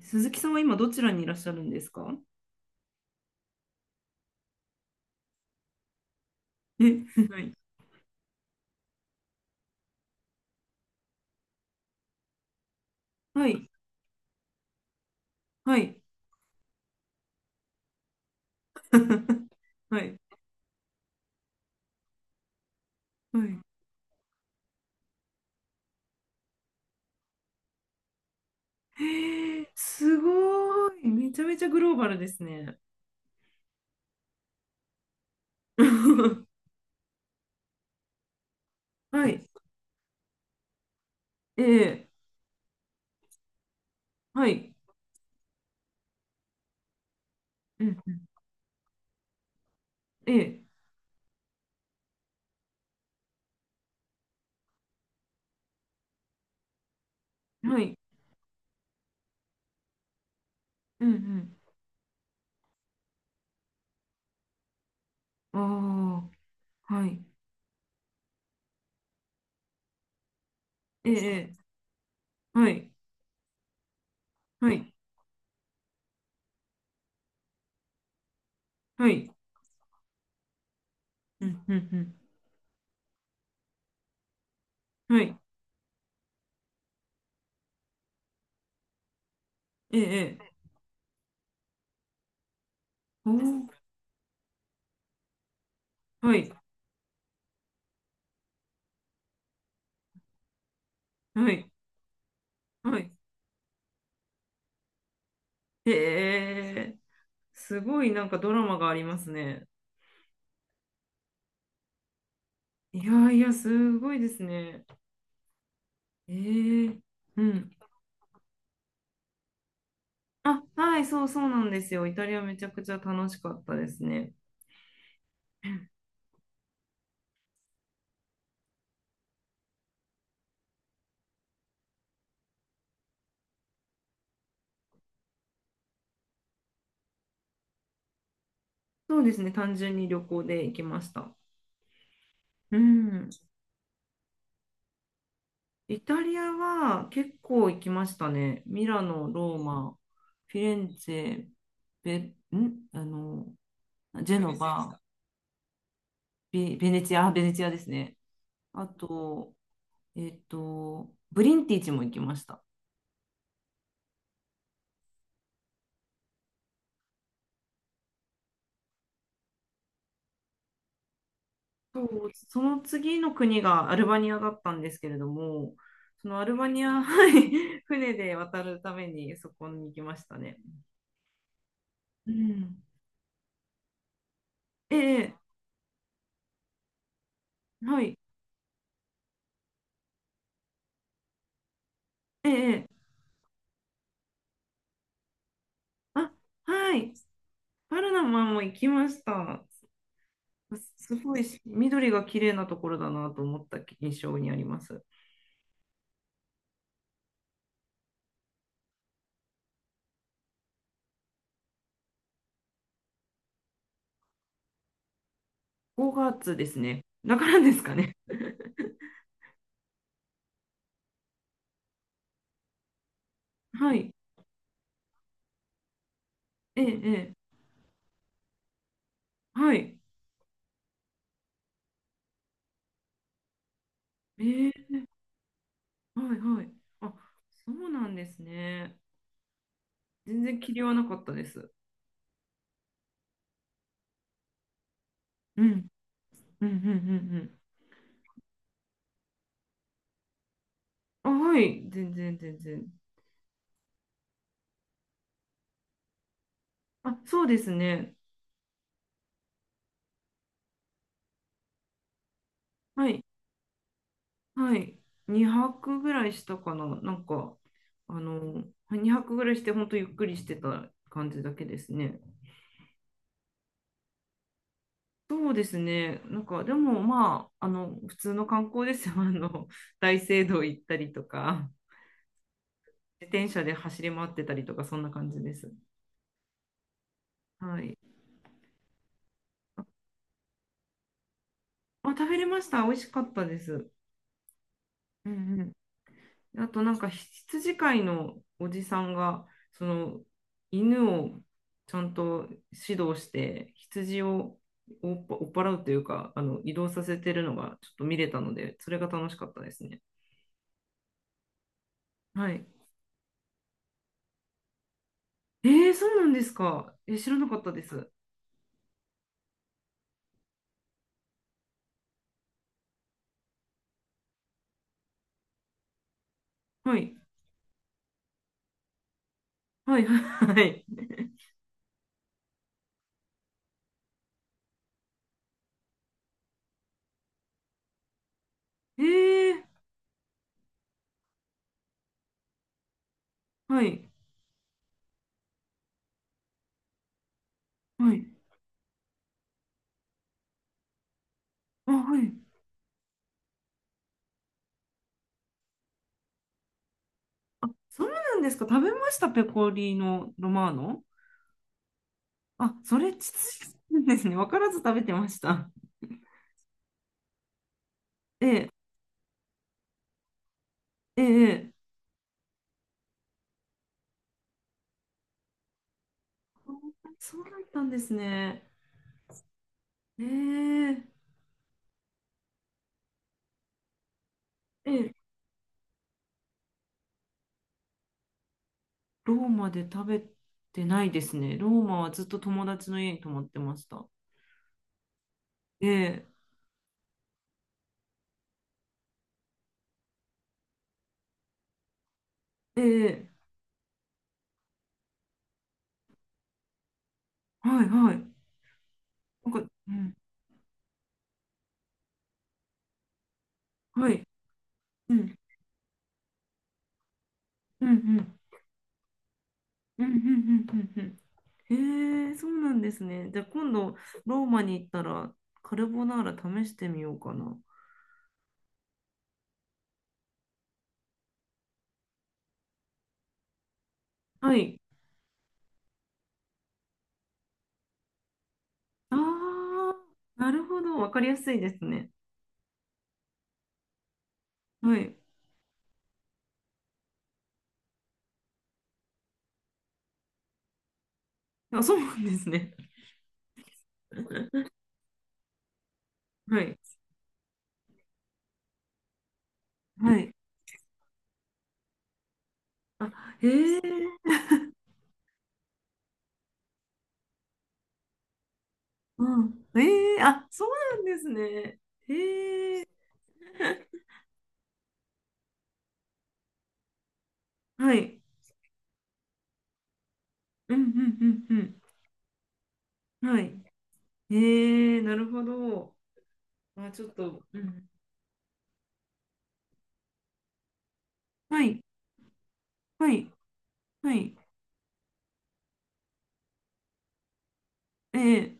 鈴木さんは今どちらにいらっしゃるんですか？え、はい。はい。はい。はい。はい。へー、すごい。めちゃめちゃグローバルですね。はい。ええ。はい。うんうん。ええ。はい。うんうん。ああ。はい。ええ。はい。はい。はい。うんうんうん。はい。ええ。おお。はい。はい。はい。ええ。すごいなんかドラマがありますね。いやいや、すごいですね。えー、うん。あ、はい、そうそうなんですよ。イタリアめちゃくちゃ楽しかったですね。そうですね、単純に旅行で行きました。うん。イタリアは結構行きましたね。ミラノ、ローマ、フィレンツェ、ベ、んあの、ジェノバ、ベネチア、あ、ベネチアですね。あと、ブリンティチも行きました。そう、その次の国がアルバニアだったんですけれども、そのアルバニア、はい、船で渡るためにそこに行きましたね。うん。ええ、はい、ええ、あ、はい、パルナマも行きました。すごいし緑が綺麗なところだなと思った印象にあります。5月ですね。だからですかね。はい、ええ、ええ、はい、ええ、はい、はい。あ、そうなんですね。全然霧はなかったです。うんうんうんうんうん。あ、はい、全然全然。あ、そうですね。はい、はい。2泊ぐらいしたかな。なんか、あの、2泊ぐらいして、本当ゆっくりしてた感じだけですね。そうですね。なんか、でもまあ、普通の観光ですよ。大聖堂行ったりとか、自転車で走り回ってたりとか、そんな感じです。はい。あ、食べれました。美味しかったです。うんうん、あとなんか羊飼いのおじさんがその犬をちゃんと指導して羊を追っ払うというか移動させてるのがちょっと見れたのでそれが楽しかったですね。はい。えー、そうなんですか。え、知らなかったです。はい。はい。はい。えー、はい。はい。あ、はい。あ、そうなんですか。食べました、ペコリーノ・ロマーノ。あ、それ、ですね。わからず食べてました。えええええ、あー、そうだったんですね。えー、え、ローマで食べてないですね。ローマはずっと友達の家に泊まってました。ええええ、はいはい。なんか、うん、はい。うん、うん、うん、うん、うん、うん、うんうん。ええ、そうなんですね。じゃあ今度、ローマに行ったら、カルボナーラ試してみようかな。はい。ああ、なるほど。わかりやすいですね。はい。あ、そうなんですね。はい。はい。あ、へえ、うん。ええ、あ、そうなんですね。ええ、はい。うんうんうんうん。はい。ええ、なるほど。あ、ちょっと、うん。はい。はい。はい。ええ、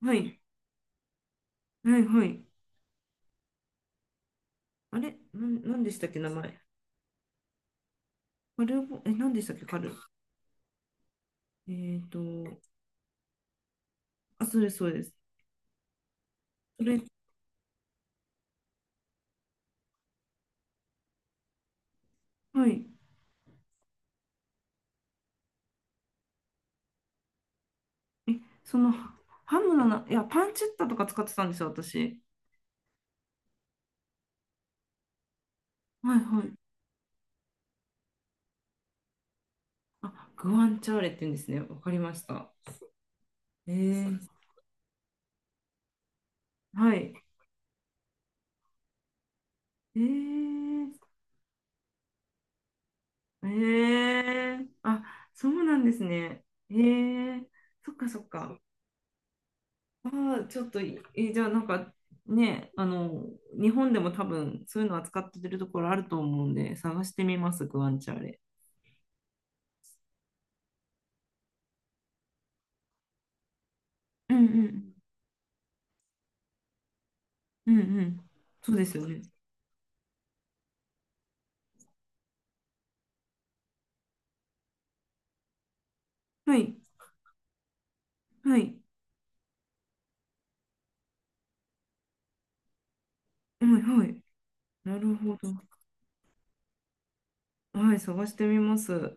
はい。はい。はい。あれ、なんでしたっけ、名前。カルボ、え、なんでしたっけ。えっと、あ、それそうです。それ、はい。え、その、ハムのな、いや、パンチェッタとか使ってたんですよ、私。はいはい。あ、グアンチャーレって言うんですね。わかりました。ええ、はい。えー、えー、あ、そうなんですね。えー、そっかそっか。あー、ちょっとじゃあなんかね、日本でも多分そういうの扱ってるところあると思うんで、探してみます、グアンチャーレ。うんうん。うんうん。そうですよね。はい、はい、はい、はい。なるほど。はい、探してみます。